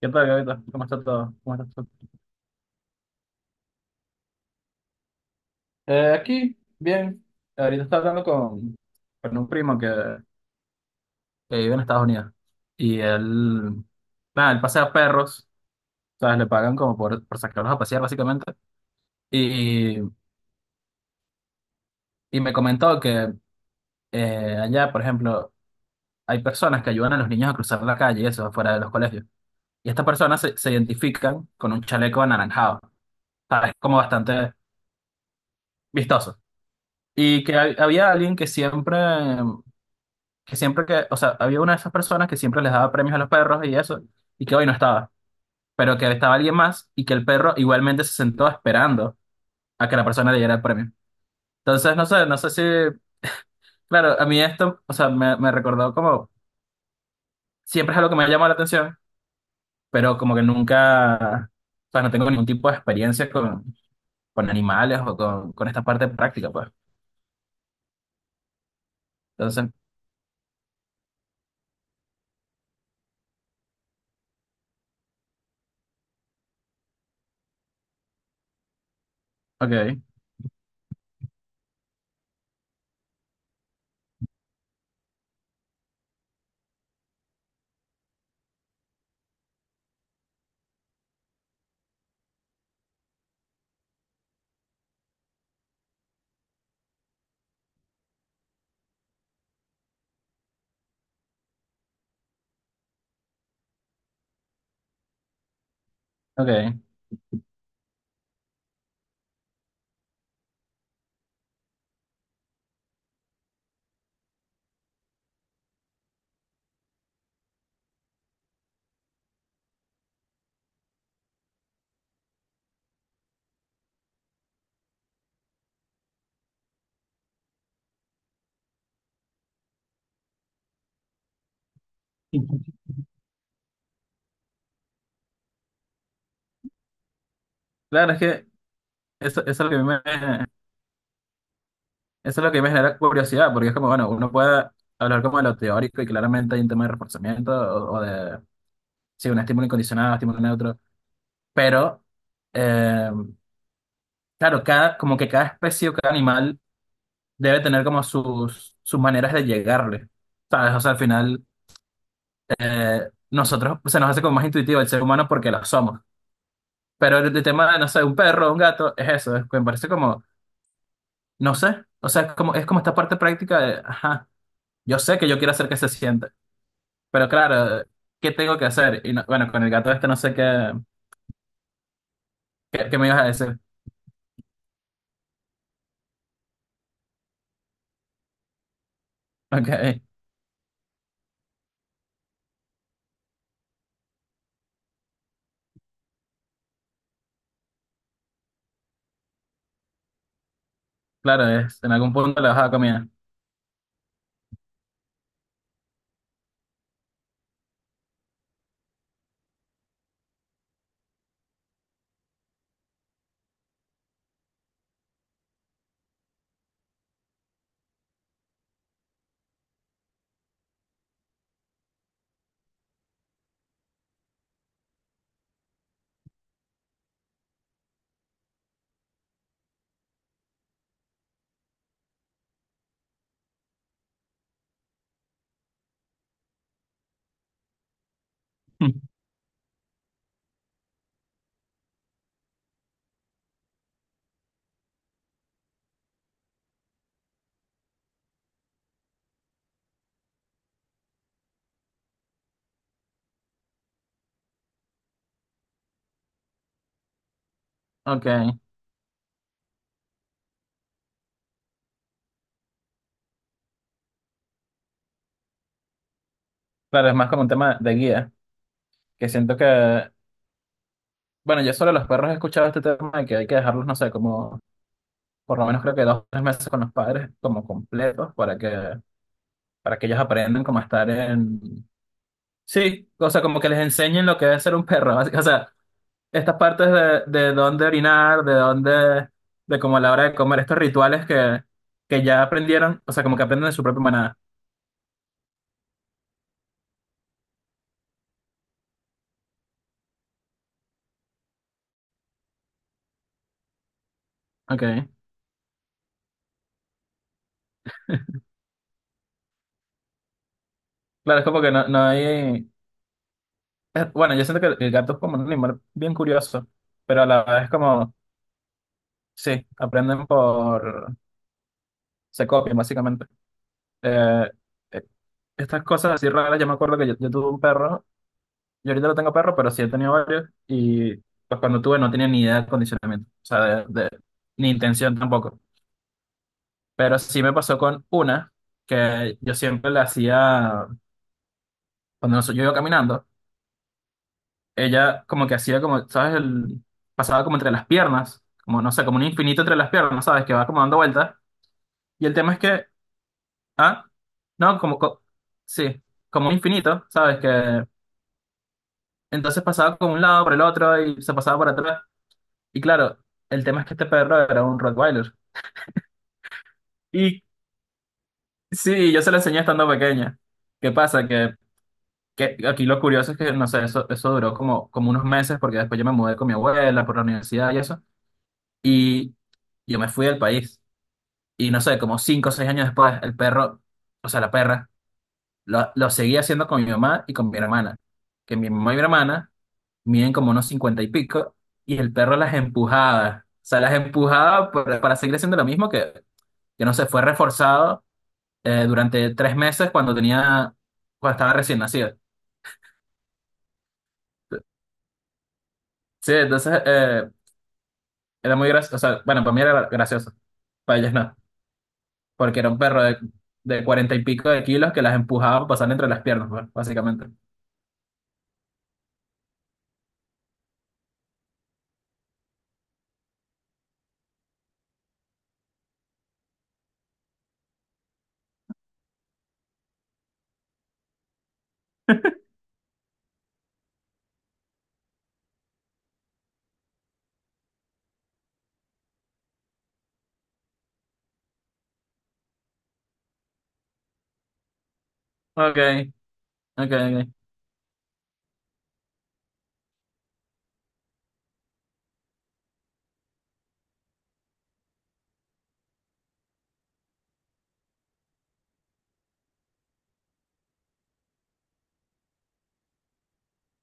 ¿Qué tal, Gavita? ¿Cómo está todo? ¿Cómo estás tú? Aquí, bien. Ahorita estaba hablando con un primo que vive en Estados Unidos. Y él, nada, él pasea perros, ¿sabes? Le pagan como por sacarlos a pasear, básicamente. Y, y me comentó que allá, por ejemplo, hay personas que ayudan a los niños a cruzar la calle, y eso, fuera de los colegios. Y estas personas se identifican con un chaleco anaranjado, ¿sabes? Como bastante vistoso. Y que había alguien que siempre o sea, había una de esas personas que siempre les daba premios a los perros y eso, y que hoy no estaba, pero que estaba alguien más y que el perro igualmente se sentó esperando a que la persona le diera el premio. Entonces, no sé, no sé si, claro, a mí esto, o sea, me recordó como, siempre es algo que me ha llamado la atención, pero como que nunca, o sea, no tengo ningún tipo de experiencia con animales o con esta parte práctica, pues. Entonces, ok, ok. Claro, es que eso es lo que a mí me, Eso es lo que me genera curiosidad, porque es como, bueno, uno puede hablar como de lo teórico y claramente hay un tema de reforzamiento o de, sí, un estímulo incondicionado, estímulo neutro, pero, eh, claro, cada, como que cada especie o cada animal debe tener como sus maneras de llegarle, ¿sabes? O sea, al final, nosotros se nos hace como más intuitivo el ser humano porque lo somos, pero el tema de, no sé, un perro, un gato, es eso, es, me parece como, no sé, o sea, es como esta parte práctica de, ajá, yo sé que yo quiero hacer que se sienta. Pero claro, ¿qué tengo que hacer? Y bueno, con el gato este no sé qué, qué, qué me ibas a decir. Ok, claro, es, en algún punto le vas a dar comida. Ok, claro, es más como un tema de guía, que siento que, bueno, yo solo los perros he escuchado este tema de que hay que dejarlos, no sé, como por lo menos creo que 2 o 3 meses con los padres como completos para que ellos aprendan cómo estar en... Sí, o sea, como que les enseñen lo que es ser un perro, básicamente estas partes de dónde orinar, de dónde, de como a la hora de comer, estos rituales que ya aprendieron, o sea, como que aprenden de su propia manada. Ok. Claro, es como que no, no hay... bueno, yo siento que el gato es como un animal bien curioso, pero a la vez es como, sí, aprenden por... se copian, básicamente. Eh, eh, estas cosas así raras, yo me acuerdo que yo tuve un perro, yo ahorita no tengo perro, pero sí he tenido varios, y pues cuando tuve no tenía ni idea de condicionamiento, o sea, ni intención tampoco. Pero sí me pasó con una que yo siempre le hacía, cuando yo iba caminando, ella como que hacía como, ¿sabes? El, pasaba como entre las piernas, como no sé, como un infinito entre las piernas, ¿sabes? Que va como dando vueltas. Y el tema es que, ah, no, como, sí, como un infinito, ¿sabes? Que entonces pasaba como un lado por el otro y se pasaba por atrás. Y claro, el tema es que este perro era un Rottweiler. Y sí, yo se lo enseñé estando pequeña. ¿Qué pasa? Que aquí lo curioso es que, no sé, eso duró como, como unos meses porque después yo me mudé con mi abuela por la universidad y eso. Y yo me fui del país. Y no sé, como 5 o 6 años después, el perro, o sea, la perra, lo seguía haciendo con mi mamá y con mi hermana. Que mi mamá y mi hermana miden como unos 50 y pico y el perro las empujaba. O sea, las empujaba para seguir haciendo lo mismo que no sé, fue reforzado durante 3 meses cuando tenía, cuando estaba recién nacido. Sí, entonces... era muy gracioso. O sea, bueno, para mí era gracioso. Para ellas no. Porque era un perro de 40 y pico de kilos que las empujaba a pasar entre las piernas, pues, básicamente. Ok, ok, ok.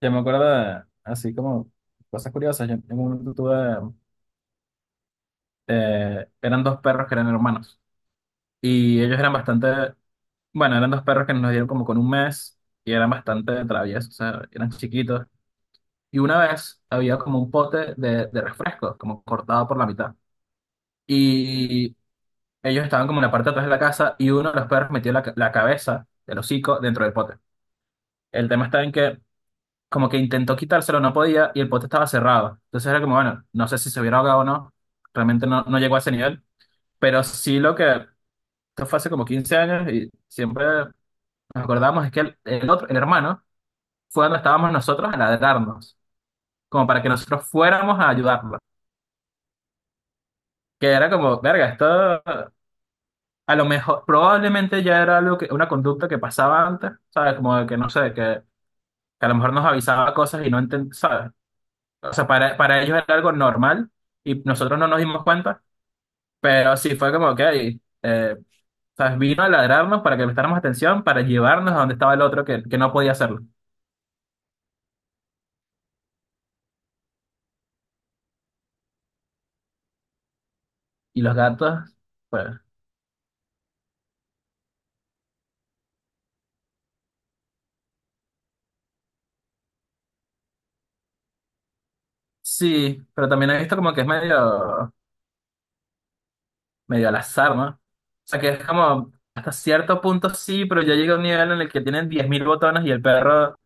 Yo me acuerdo de, así como cosas curiosas. Yo en un momento tuve, eran dos perros que eran hermanos. Y ellos eran bastante, bueno, eran dos perros que nos dieron como con un mes y eran bastante traviesos, o sea, eran chiquitos. Y una vez había como un pote de refresco, como cortado por la mitad. Y ellos estaban como en la parte de atrás de la casa y uno de los perros metió la cabeza del hocico dentro del pote. El tema está en que como que intentó quitárselo, no podía y el pote estaba cerrado. Entonces era como, bueno, no sé si se hubiera ahogado o no. Realmente no, no llegó a ese nivel. Pero sí lo que, esto fue hace como 15 años y siempre nos acordamos es que el otro, el hermano, fue donde estábamos nosotros a ladrarnos, como para que nosotros fuéramos a ayudarlo. Que era como, verga, esto a lo mejor, probablemente ya era algo que, una conducta que pasaba antes, ¿sabes? Como de que no sé, que a lo mejor nos avisaba cosas y no entendía, ¿sabes? O sea, para ellos era algo normal y nosotros no nos dimos cuenta, pero sí fue como, ok, eh, ¿sabes? Vino a ladrarnos para que prestáramos atención, para llevarnos a donde estaba el otro que no podía hacerlo. Y los gatos, pues sí, pero también he visto como que es medio, medio al azar, ¿no? O sea, que es como hasta cierto punto sí, pero ya llega un nivel en el que tienen 10.000 botones y el perro.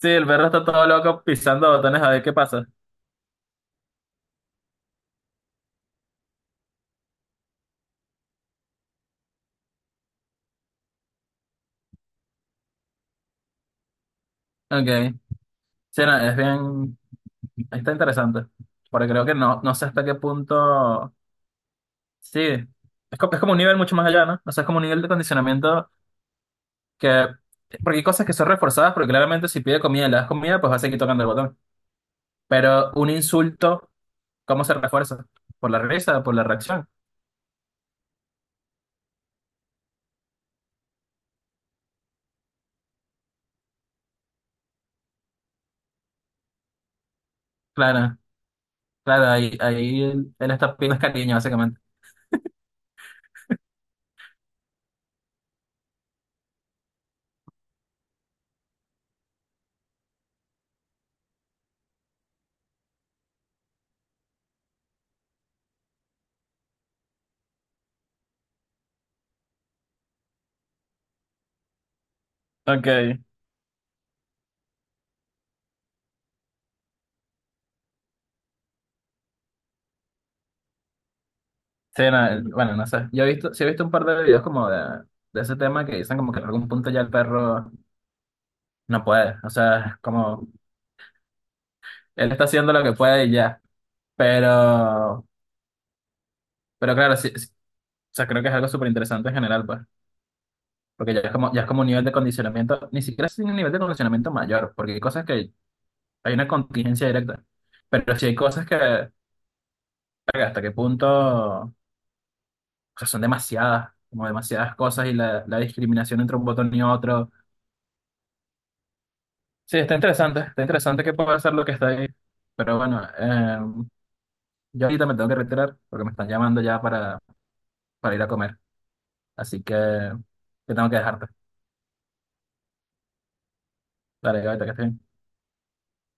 Sí, el perro está todo loco pisando botones a ver qué pasa. Ok. Sí, no, es bien. Está interesante. Porque creo que no, no sé hasta qué punto. Sí. Es como un nivel mucho más allá, ¿no? O sea, es como un nivel de condicionamiento que. Porque hay cosas que son reforzadas, porque claramente si pide comida y le das comida, pues va a seguir tocando el botón. Pero un insulto, ¿cómo se refuerza? Por la risa, por la reacción. Claro, claro, ahí, ahí él, él está pidiendo cariño, básicamente. Ok. Sí, no, bueno, no sé. Yo he visto, sí he visto un par de videos como de ese tema que dicen como que en algún punto ya el perro no puede. O sea, como él está haciendo lo que puede y ya. Pero, pero claro, sí, sí. O sea, creo que es algo súper interesante en general, pues. Porque ya es como un nivel de condicionamiento, ni siquiera es un nivel de condicionamiento mayor, porque hay cosas que hay una contingencia directa. Pero sí hay cosas que, verga, hasta qué punto, o sea, son demasiadas, como demasiadas cosas y la discriminación entre un botón y otro. Sí, está interesante que pueda ser lo que está ahí. Pero bueno, yo ahorita me tengo que retirar porque me están llamando ya para ir a comer. Así que tengo que dejarte. Dale, ahorita que estoy bien.